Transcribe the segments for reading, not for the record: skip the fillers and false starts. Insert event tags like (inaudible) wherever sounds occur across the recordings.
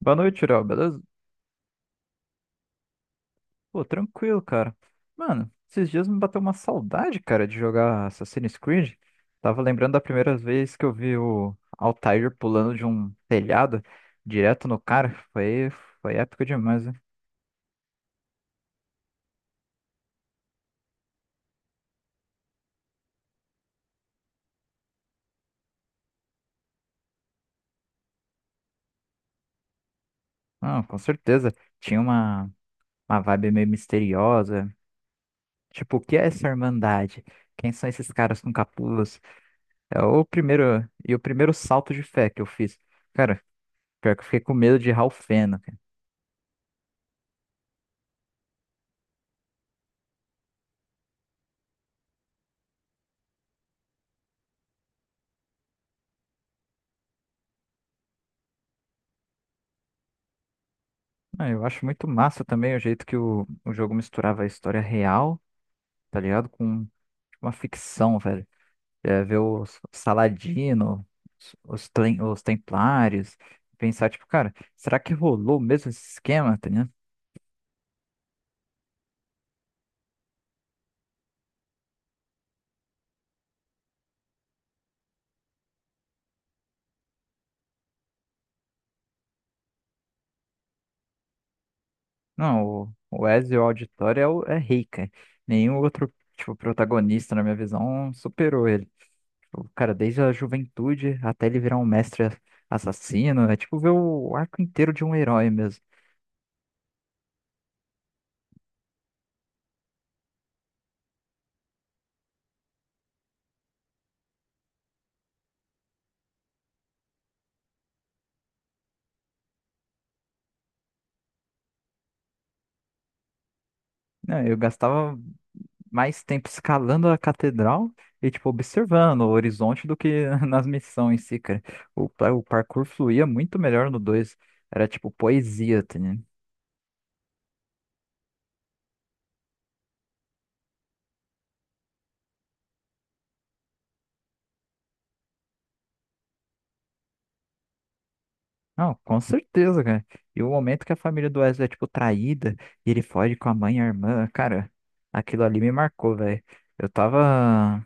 Boa noite, Léo, beleza? Pô, tranquilo, cara. Mano, esses dias me bateu uma saudade, cara, de jogar Assassin's Creed. Tava lembrando da primeira vez que eu vi o Altair pulando de um telhado direto no cara. Foi épico demais, né? Não, com certeza. Tinha uma vibe meio misteriosa. Tipo, o que é essa Irmandade? Quem são esses caras com capuz? É o primeiro, e o primeiro salto de fé que eu fiz. Cara, pior que eu fiquei com medo de Ralph. Ah, eu acho muito massa também o jeito que o jogo misturava a história real, tá ligado? Com tipo, uma ficção, velho. É, ver os Saladino, os, os Templários, pensar, tipo, cara, será que rolou mesmo esse esquema, tá ligado? Não, o Ezio Auditore é rei, cara. Nenhum outro, tipo, protagonista, na minha visão, superou ele. O cara, desde a juventude até ele virar um mestre assassino, é tipo ver o arco inteiro de um herói mesmo. Não, eu gastava mais tempo escalando a catedral e, tipo, observando o horizonte do que (laughs) nas missões em si, cara. O parkour fluía muito melhor no dois. Era, tipo, poesia, tá ligado? Não, com certeza, cara. E o momento que a família do Wesley é, tipo, traída e ele foge com a mãe e a irmã, cara, aquilo ali me marcou, velho. Eu tava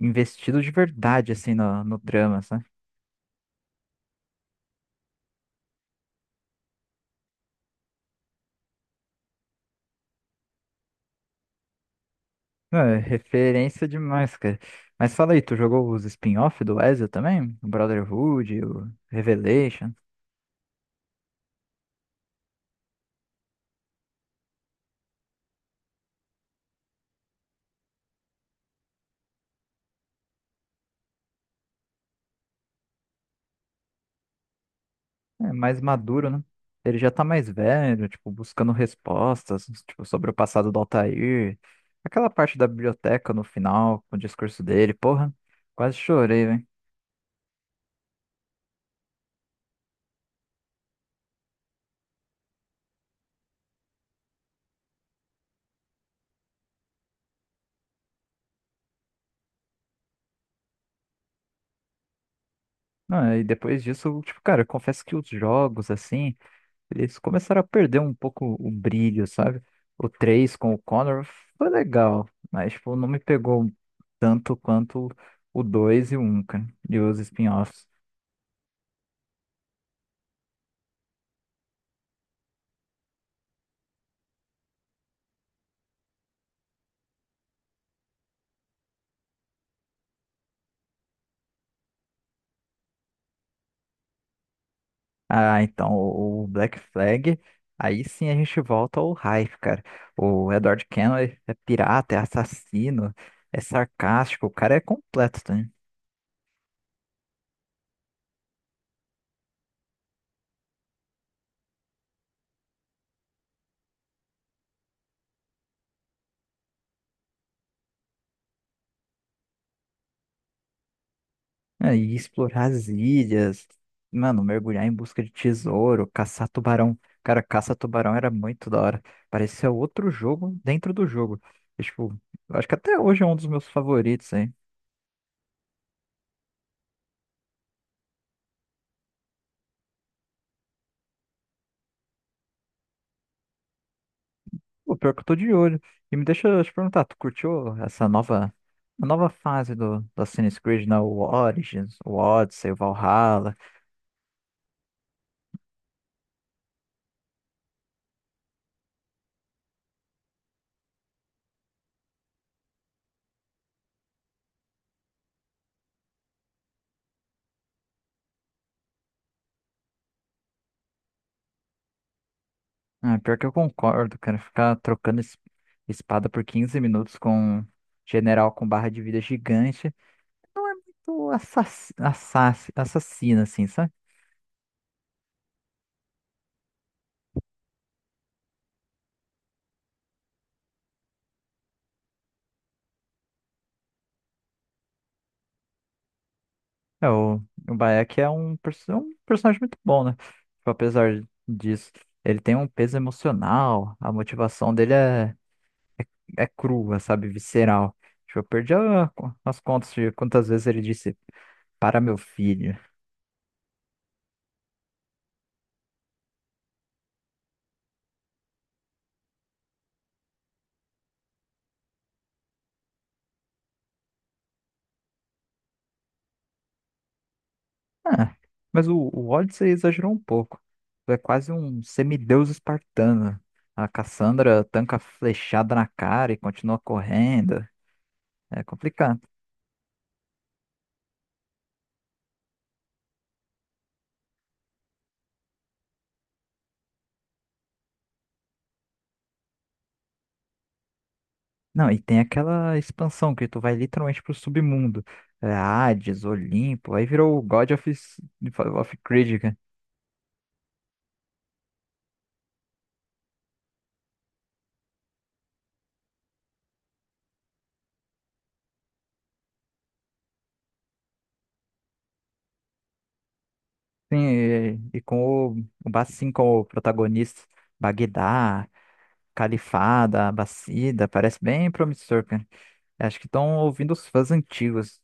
investido de verdade, assim, no drama, sabe? Não, é referência demais, cara. Mas fala aí, tu jogou os spin-off do Ezio também? O Brotherhood, o Revelation? É mais maduro, né? Ele já tá mais velho, tipo, buscando respostas, tipo, sobre o passado do Altair. Aquela parte da biblioteca no final, com o discurso dele, porra, quase chorei, velho. Não, e depois disso, tipo, cara, eu confesso que os jogos, assim, eles começaram a perder um pouco o brilho, sabe? O 3 com o Connor foi legal, mas tipo, não me pegou tanto quanto o 2 e o 1, cara, e os spin-offs. Ah, então, o Black Flag, aí sim a gente volta ao hype, cara. O Edward Kenway é pirata, é assassino, é sarcástico, o cara é completo, tá? É, e explorar as ilhas, mano, mergulhar em busca de tesouro, caçar tubarão. Cara, caça tubarão era muito da hora. Parecia outro jogo dentro do jogo. E, tipo, eu acho que até hoje é um dos meus favoritos, hein? O pior que eu tô de olho. E me deixa eu te perguntar, tu curtiu a nova fase do Assassin's Creed, né? O Origins, o Odyssey, o Valhalla. Ah, pior que eu concordo, cara. Ficar trocando espada por 15 minutos com um general com barra de vida gigante. Não é muito assassina, assim, sabe? É, o Bayek é um personagem muito bom, né? Tipo, apesar disso, ele tem um peso emocional, a motivação dele é crua, sabe? Visceral. Tipo, eu perdi as contas de quantas vezes ele disse para meu filho. Ah, mas o Odyssey exagerou um pouco. É quase um semideus espartano. A Cassandra tanca flechada na cara e continua correndo. É complicado. Não, e tem aquela expansão que tu vai literalmente pro submundo. É Hades, Olimpo, aí virou o God of Creed, né? Sim, e com o Bassim como protagonista. Bagdá, Califada, Abacida, parece bem promissor, cara. Acho que estão ouvindo os fãs antigos.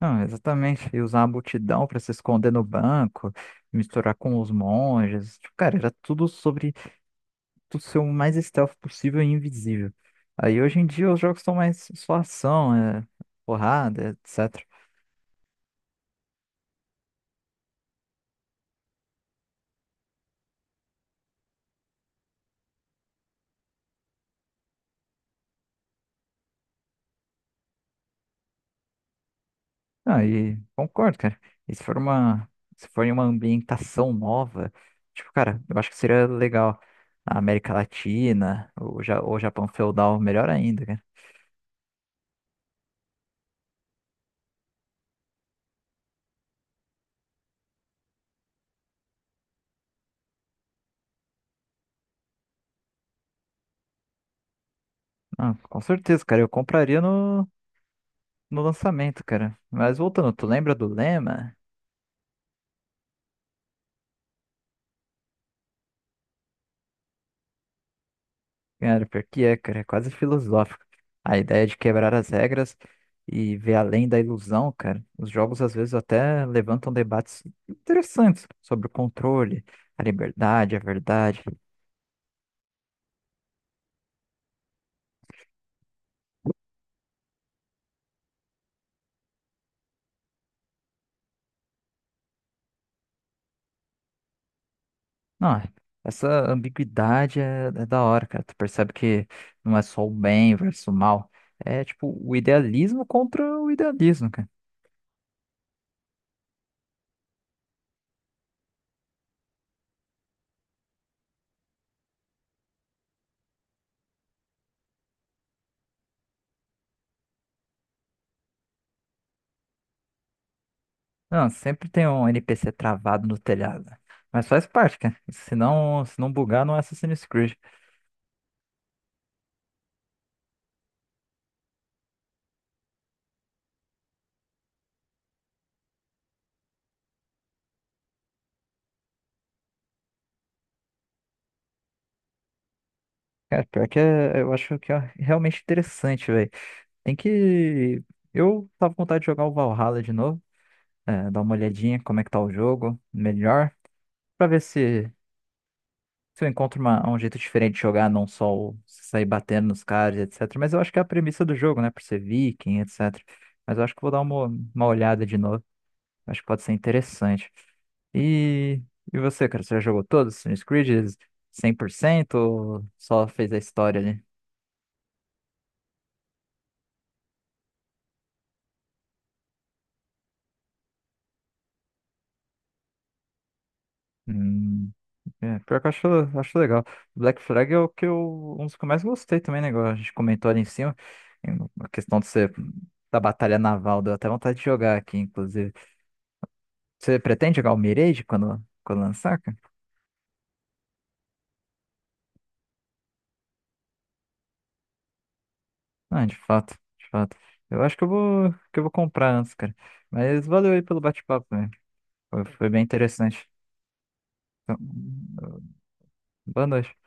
Não, exatamente. E usar a multidão para se esconder no banco, misturar com os monges. Tipo, cara, era tudo sobre tu ser o mais stealth possível e invisível. Aí hoje em dia os jogos são mais só ação, é, porrada, etc. Ah, e concordo, cara. E se for em uma ambientação nova, tipo, cara, eu acho que seria legal. A América Latina, o Japão feudal, melhor ainda, cara. Não, com certeza, cara, eu compraria no lançamento, cara. Mas voltando, tu lembra do lema? Cara, pior que é, cara, é quase filosófico. A ideia de quebrar as regras e ver além da ilusão, cara. Os jogos às vezes até levantam debates interessantes sobre o controle, a liberdade, a verdade. Não, essa ambiguidade é da hora, cara. Tu percebe que não é só o bem versus o mal. É tipo o idealismo contra o idealismo, cara. Não, sempre tem um NPC travado no telhado. Mas faz parte, cara. Se não bugar, não é Assassin's Creed. Cara, pior que é, eu acho que é realmente interessante, velho. Tem que. Eu tava com vontade de jogar o Valhalla de novo. É, dar uma olhadinha como é que tá o jogo, melhor. Pra ver se eu encontro um jeito diferente de jogar, não só sair batendo nos caras, etc. Mas eu acho que é a premissa do jogo, né? Por ser viking, etc. Mas eu acho que vou dar uma olhada de novo. Acho que pode ser interessante. E, e você, cara, você já jogou todos os Assassin's Creed 100% ou só fez a história ali? Hum, É, pior que eu acho legal. Black Flag é o que um dos que eu mais gostei também, né? Igual a gente comentou ali em cima, em- a questão de ser da batalha naval, deu até vontade de jogar aqui, inclusive. Você pretende jogar o Mirage quando lançar, cara? Ah, de fato, de fato. Eu acho que eu vou comprar antes, cara. Mas valeu aí pelo bate-papo, né? Foi bem interessante. Boa noite.